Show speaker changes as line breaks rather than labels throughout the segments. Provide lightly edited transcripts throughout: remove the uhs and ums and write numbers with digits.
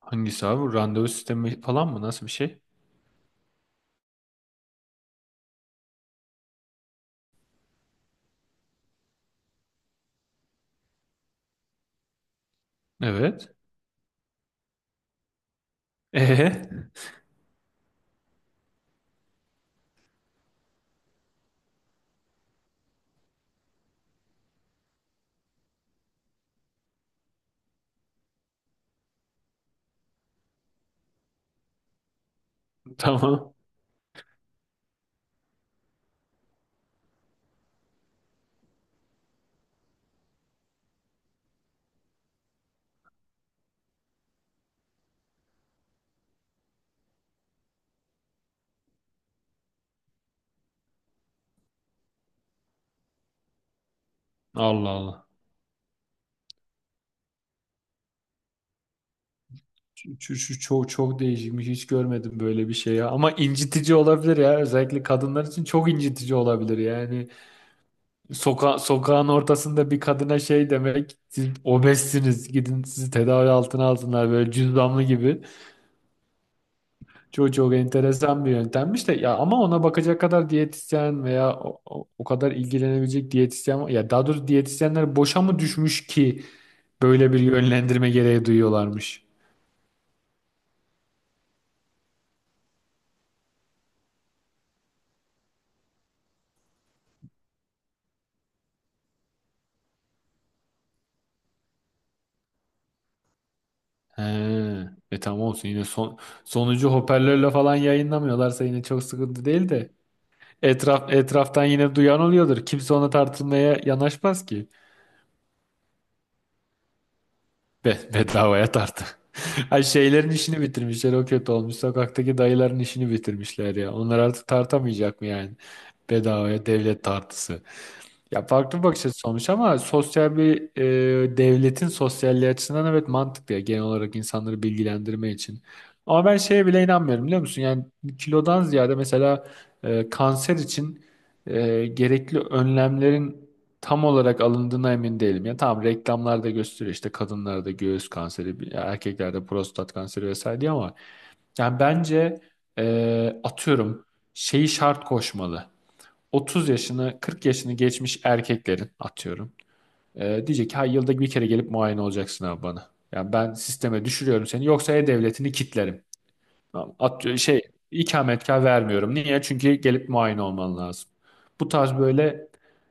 Hangisi abi? Bu randevu sistemi falan mı? Nasıl bir şey? Evet. Ee, tamam. Allah Allah. Şu çok çok değişikmiş. Hiç görmedim böyle bir şey ya. Ama incitici olabilir ya. Özellikle kadınlar için çok incitici olabilir. Yani sokağın ortasında bir kadına şey demek. Siz obezsiniz. Gidin sizi tedavi altına alsınlar böyle cüzdanlı gibi. Çok çok enteresan bir yöntemmiş de ya ama ona bakacak kadar diyetisyen veya o kadar ilgilenebilecek ya daha doğrusu diyetisyenler boşa mı düşmüş ki böyle bir yönlendirme gereği duyuyorlarmış. He. E tamam olsun yine sonucu hoparlörle falan yayınlamıyorlarsa yine çok sıkıntı değil de etraf etraftan yine duyan oluyordur. Kimse ona tartılmaya yanaşmaz ki. Bedavaya tartı. Ay şeylerin işini bitirmişler o kötü olmuş. Sokaktaki dayıların işini bitirmişler ya. Onlar artık tartamayacak mı yani? Bedavaya devlet tartısı. Ya farklı bir bakış açısı olmuş ama sosyal bir devletin sosyalliği açısından evet mantıklı ya genel olarak insanları bilgilendirme için. Ama ben şeye bile inanmıyorum biliyor musun? Yani kilodan ziyade mesela kanser için gerekli önlemlerin tam olarak alındığına emin değilim. Ya tamam reklamlarda gösteriyor işte kadınlarda göğüs kanseri, erkeklerde prostat kanseri vesaire diye ama yani bence atıyorum şeyi şart koşmalı. 30 yaşını 40 yaşını geçmiş erkeklerin atıyorum. Diyecek ki ha yılda bir kere gelip muayene olacaksın abi bana. Yani ben sisteme düşürüyorum seni yoksa e-devletini kitlerim. Tamam, şey ikametgah vermiyorum. Niye? Çünkü gelip muayene olman lazım. Bu tarz böyle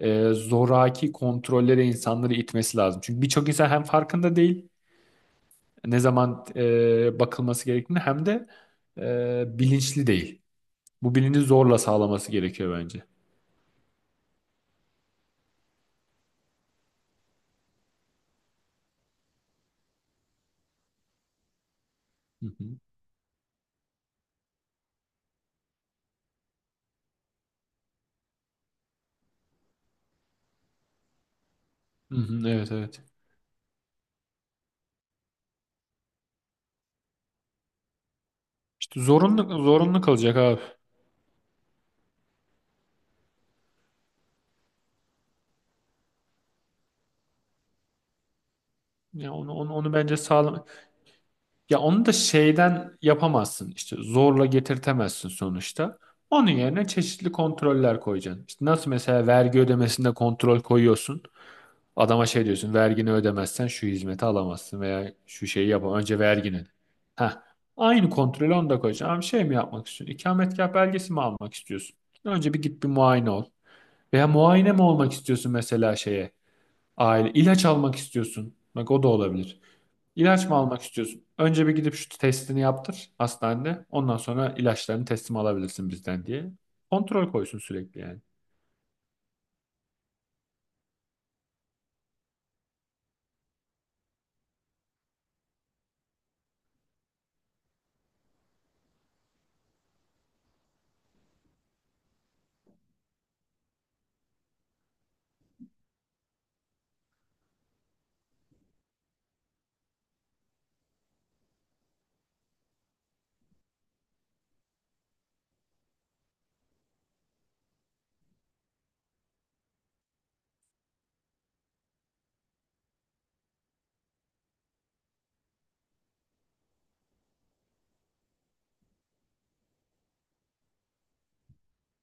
zoraki kontrollere insanları itmesi lazım. Çünkü birçok insan hem farkında değil ne zaman bakılması gerektiğini hem de bilinçli değil. Bu bilinci zorla sağlaması gerekiyor bence. Hı hı. Hı hı, evet evet. İşte zorunlu zorunlu kalacak abi. Ya onu bence sağlam. Ya onu da şeyden yapamazsın. İşte zorla getirtemezsin sonuçta. Onun yerine çeşitli kontroller koyacaksın. İşte nasıl mesela vergi ödemesinde kontrol koyuyorsun. Adama şey diyorsun, vergini ödemezsen şu hizmeti alamazsın veya şu şeyi yap. Önce vergini. Ha, aynı kontrolü onu da koyacaksın. Abi şey mi yapmak istiyorsun? İkametgah belgesi mi almak istiyorsun? Önce bir git bir muayene ol. Veya muayene mi olmak istiyorsun mesela şeye? Aile ilaç almak istiyorsun. Bak o da olabilir. İlaç mı almak istiyorsun? Önce bir gidip şu testini yaptır hastanede. Ondan sonra ilaçlarını teslim alabilirsin bizden diye. Kontrol koysun sürekli yani.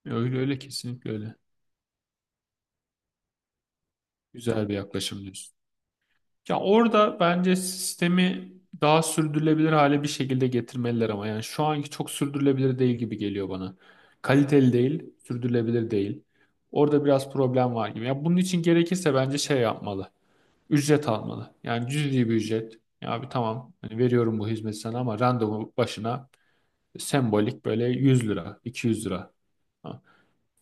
Öyle öyle kesinlikle öyle. Güzel bir yaklaşım diyorsun. Ya orada bence sistemi daha sürdürülebilir hale bir şekilde getirmeliler ama yani şu anki çok sürdürülebilir değil gibi geliyor bana. Kaliteli değil, sürdürülebilir değil. Orada biraz problem var gibi. Ya bunun için gerekirse bence şey yapmalı. Ücret almalı. Yani cüzi bir ücret. Ya abi tamam hani veriyorum bu hizmeti sana ama randevu başına sembolik böyle 100 lira, 200 lira. Ha.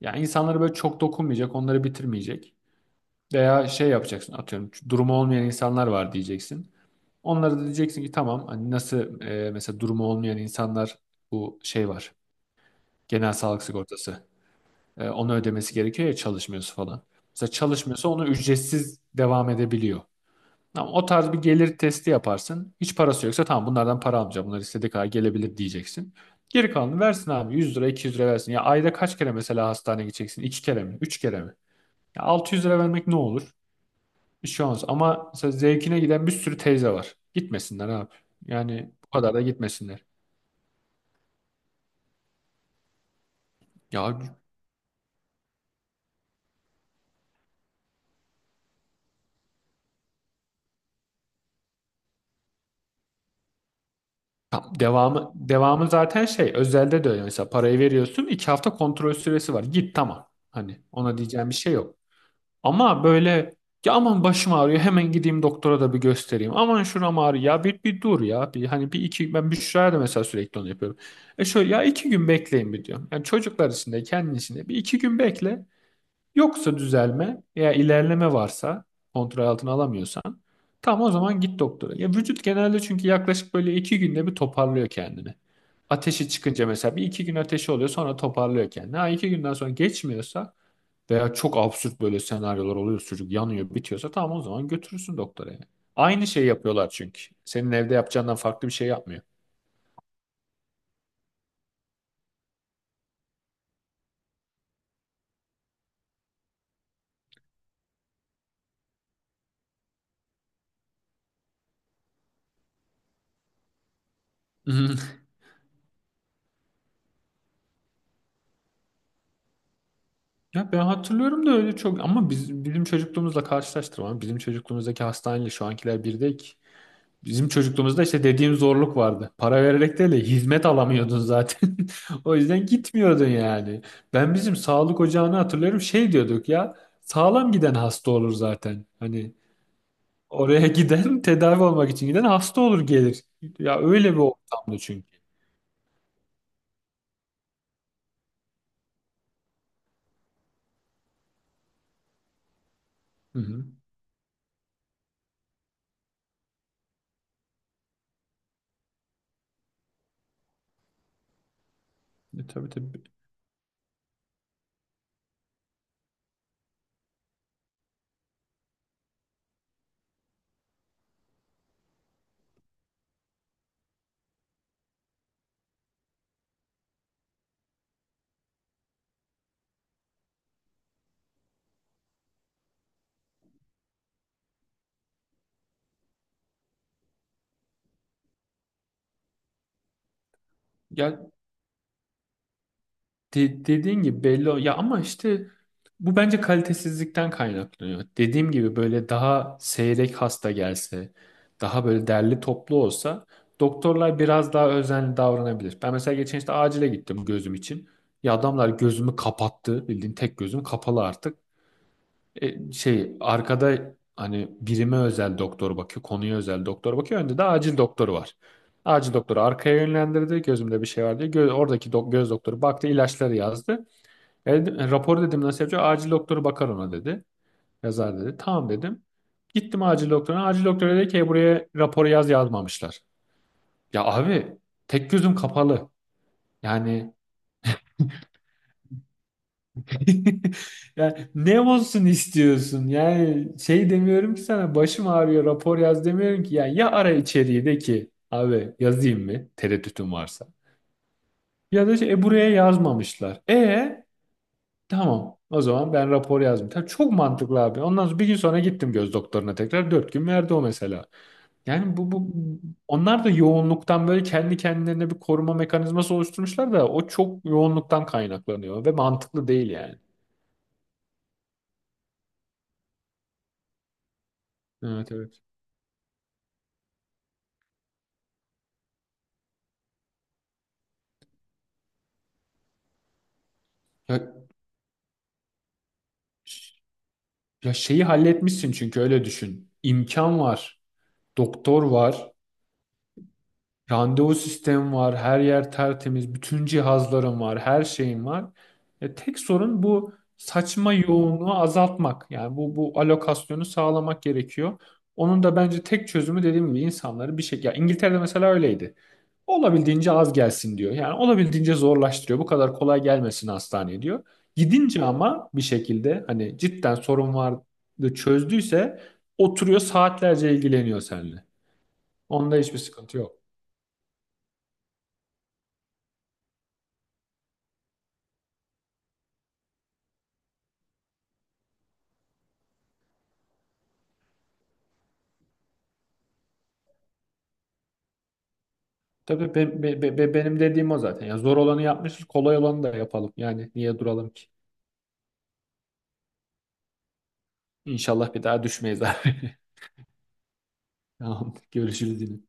Yani insanları böyle çok dokunmayacak, onları bitirmeyecek. Veya şey yapacaksın atıyorum durumu olmayan insanlar var diyeceksin. Onlara da diyeceksin ki tamam hani nasıl mesela durumu olmayan insanlar bu şey var. Genel sağlık sigortası. Onu ödemesi gerekiyor ya çalışmıyorsa falan. Mesela çalışmıyorsa onu ücretsiz devam edebiliyor. Ama o tarz bir gelir testi yaparsın. Hiç parası yoksa tamam bunlardan para almayacağım. Bunlar istediği kadar gelebilir diyeceksin. Geri kalanını versin abi. 100 lira 200 lira versin. Ya ayda kaç kere mesela hastaneye gideceksin? 2 kere mi? 3 kere mi? Ya 600 lira vermek ne olur? Bir şey olmaz. Ama mesela zevkine giden bir sürü teyze var. Gitmesinler abi. Yani bu kadar da gitmesinler. Ya devamı devamı zaten şey özelde de öyle. Mesela parayı veriyorsun 2 hafta kontrol süresi var. Git tamam. Hani ona diyeceğim bir şey yok. Ama böyle ya aman başım ağrıyor hemen gideyim doktora da bir göstereyim. Aman şuram ağrıyor ya bir dur ya. Hani bir iki ben Büşra'ya da mesela sürekli onu yapıyorum. E şöyle ya iki gün bekleyin bir diyorum. Yani çocuklar için de kendin için de bir iki gün bekle. Yoksa düzelme veya ilerleme varsa kontrol altına alamıyorsan tam o zaman git doktora. Ya vücut genelde çünkü yaklaşık böyle iki günde bir toparlıyor kendini. Ateşi çıkınca mesela bir iki gün ateşi oluyor sonra toparlıyor kendini. Ha iki günden sonra geçmiyorsa veya çok absürt böyle senaryolar oluyor. Çocuk yanıyor, bitiyorsa tamam o zaman götürürsün doktora yani. Aynı şeyi yapıyorlar çünkü. Senin evde yapacağından farklı bir şey yapmıyor. Ya ben hatırlıyorum da öyle çok ama bizim çocukluğumuzla karşılaştırma. Bizim çocukluğumuzdaki hastaneyle şu ankiler bir değil ki. Bizim çocukluğumuzda işte dediğim zorluk vardı. Para vererek değil de hizmet alamıyordun zaten. O yüzden gitmiyordun yani. Ben bizim sağlık ocağını hatırlıyorum şey diyorduk ya sağlam giden hasta olur zaten. Hani oraya giden tedavi olmak için giden hasta olur gelir. Ya öyle bir ortamdı çünkü. Hı hı. Tabii tabii. Ya dediğin gibi belli o. Ya ama işte bu bence kalitesizlikten kaynaklanıyor. Dediğim gibi böyle daha seyrek hasta gelse, daha böyle derli toplu olsa doktorlar biraz daha özenli davranabilir. Ben mesela geçen işte acile gittim gözüm için. Ya adamlar gözümü kapattı. Bildiğin tek gözüm kapalı artık. Şey arkada hani birime özel doktor bakıyor, konuya özel doktor bakıyor. Önde de acil doktoru var. Acil doktoru arkaya yönlendirdi. Gözümde bir şey var diye. Oradaki göz doktoru baktı, ilaçları yazdı. Rapor dedim nasıl yapacağım? Acil doktoru bakar ona dedi. Yazar dedi. Tamam dedim. Gittim acil doktoruna. Acil doktor dedi ki "E, buraya raporu yazmamışlar. Ya abi tek gözüm kapalı. Yani Yani ne olsun istiyorsun? Yani şey demiyorum ki sana başım ağrıyor rapor yaz demiyorum ki. Yani ya ara içeriği de ki abi yazayım mı tereddütün varsa. Ya da şey, "E, buraya yazmamışlar. E tamam o zaman ben rapor yazdım. Tabii çok mantıklı abi. Ondan sonra bir gün sonra gittim göz doktoruna tekrar. Dört gün verdi o mesela. Yani bu onlar da yoğunluktan böyle kendi kendilerine bir koruma mekanizması oluşturmuşlar da o çok yoğunluktan kaynaklanıyor ve mantıklı değil yani. Evet evet. Ya Ya şeyi halletmişsin çünkü öyle düşün. İmkan var, doktor var, randevu sistemi var, her yer tertemiz, bütün cihazların var, her şeyin var. E, tek sorun bu saçma yoğunluğu azaltmak. Yani bu alokasyonu sağlamak gerekiyor. Onun da bence tek çözümü dediğim gibi insanları bir şey... Ya İngiltere'de mesela öyleydi. Olabildiğince az gelsin diyor. Yani olabildiğince zorlaştırıyor. Bu kadar kolay gelmesin hastaneye diyor. Gidince ama bir şekilde hani cidden sorun vardı çözdüyse oturuyor saatlerce ilgileniyor seninle. Onda hiçbir sıkıntı yok. Tabii benim dediğim o zaten. Ya zor olanı yapmışız, kolay olanı da yapalım. Yani niye duralım ki? İnşallah bir daha düşmeyiz abi. Tamam, görüşürüz yine.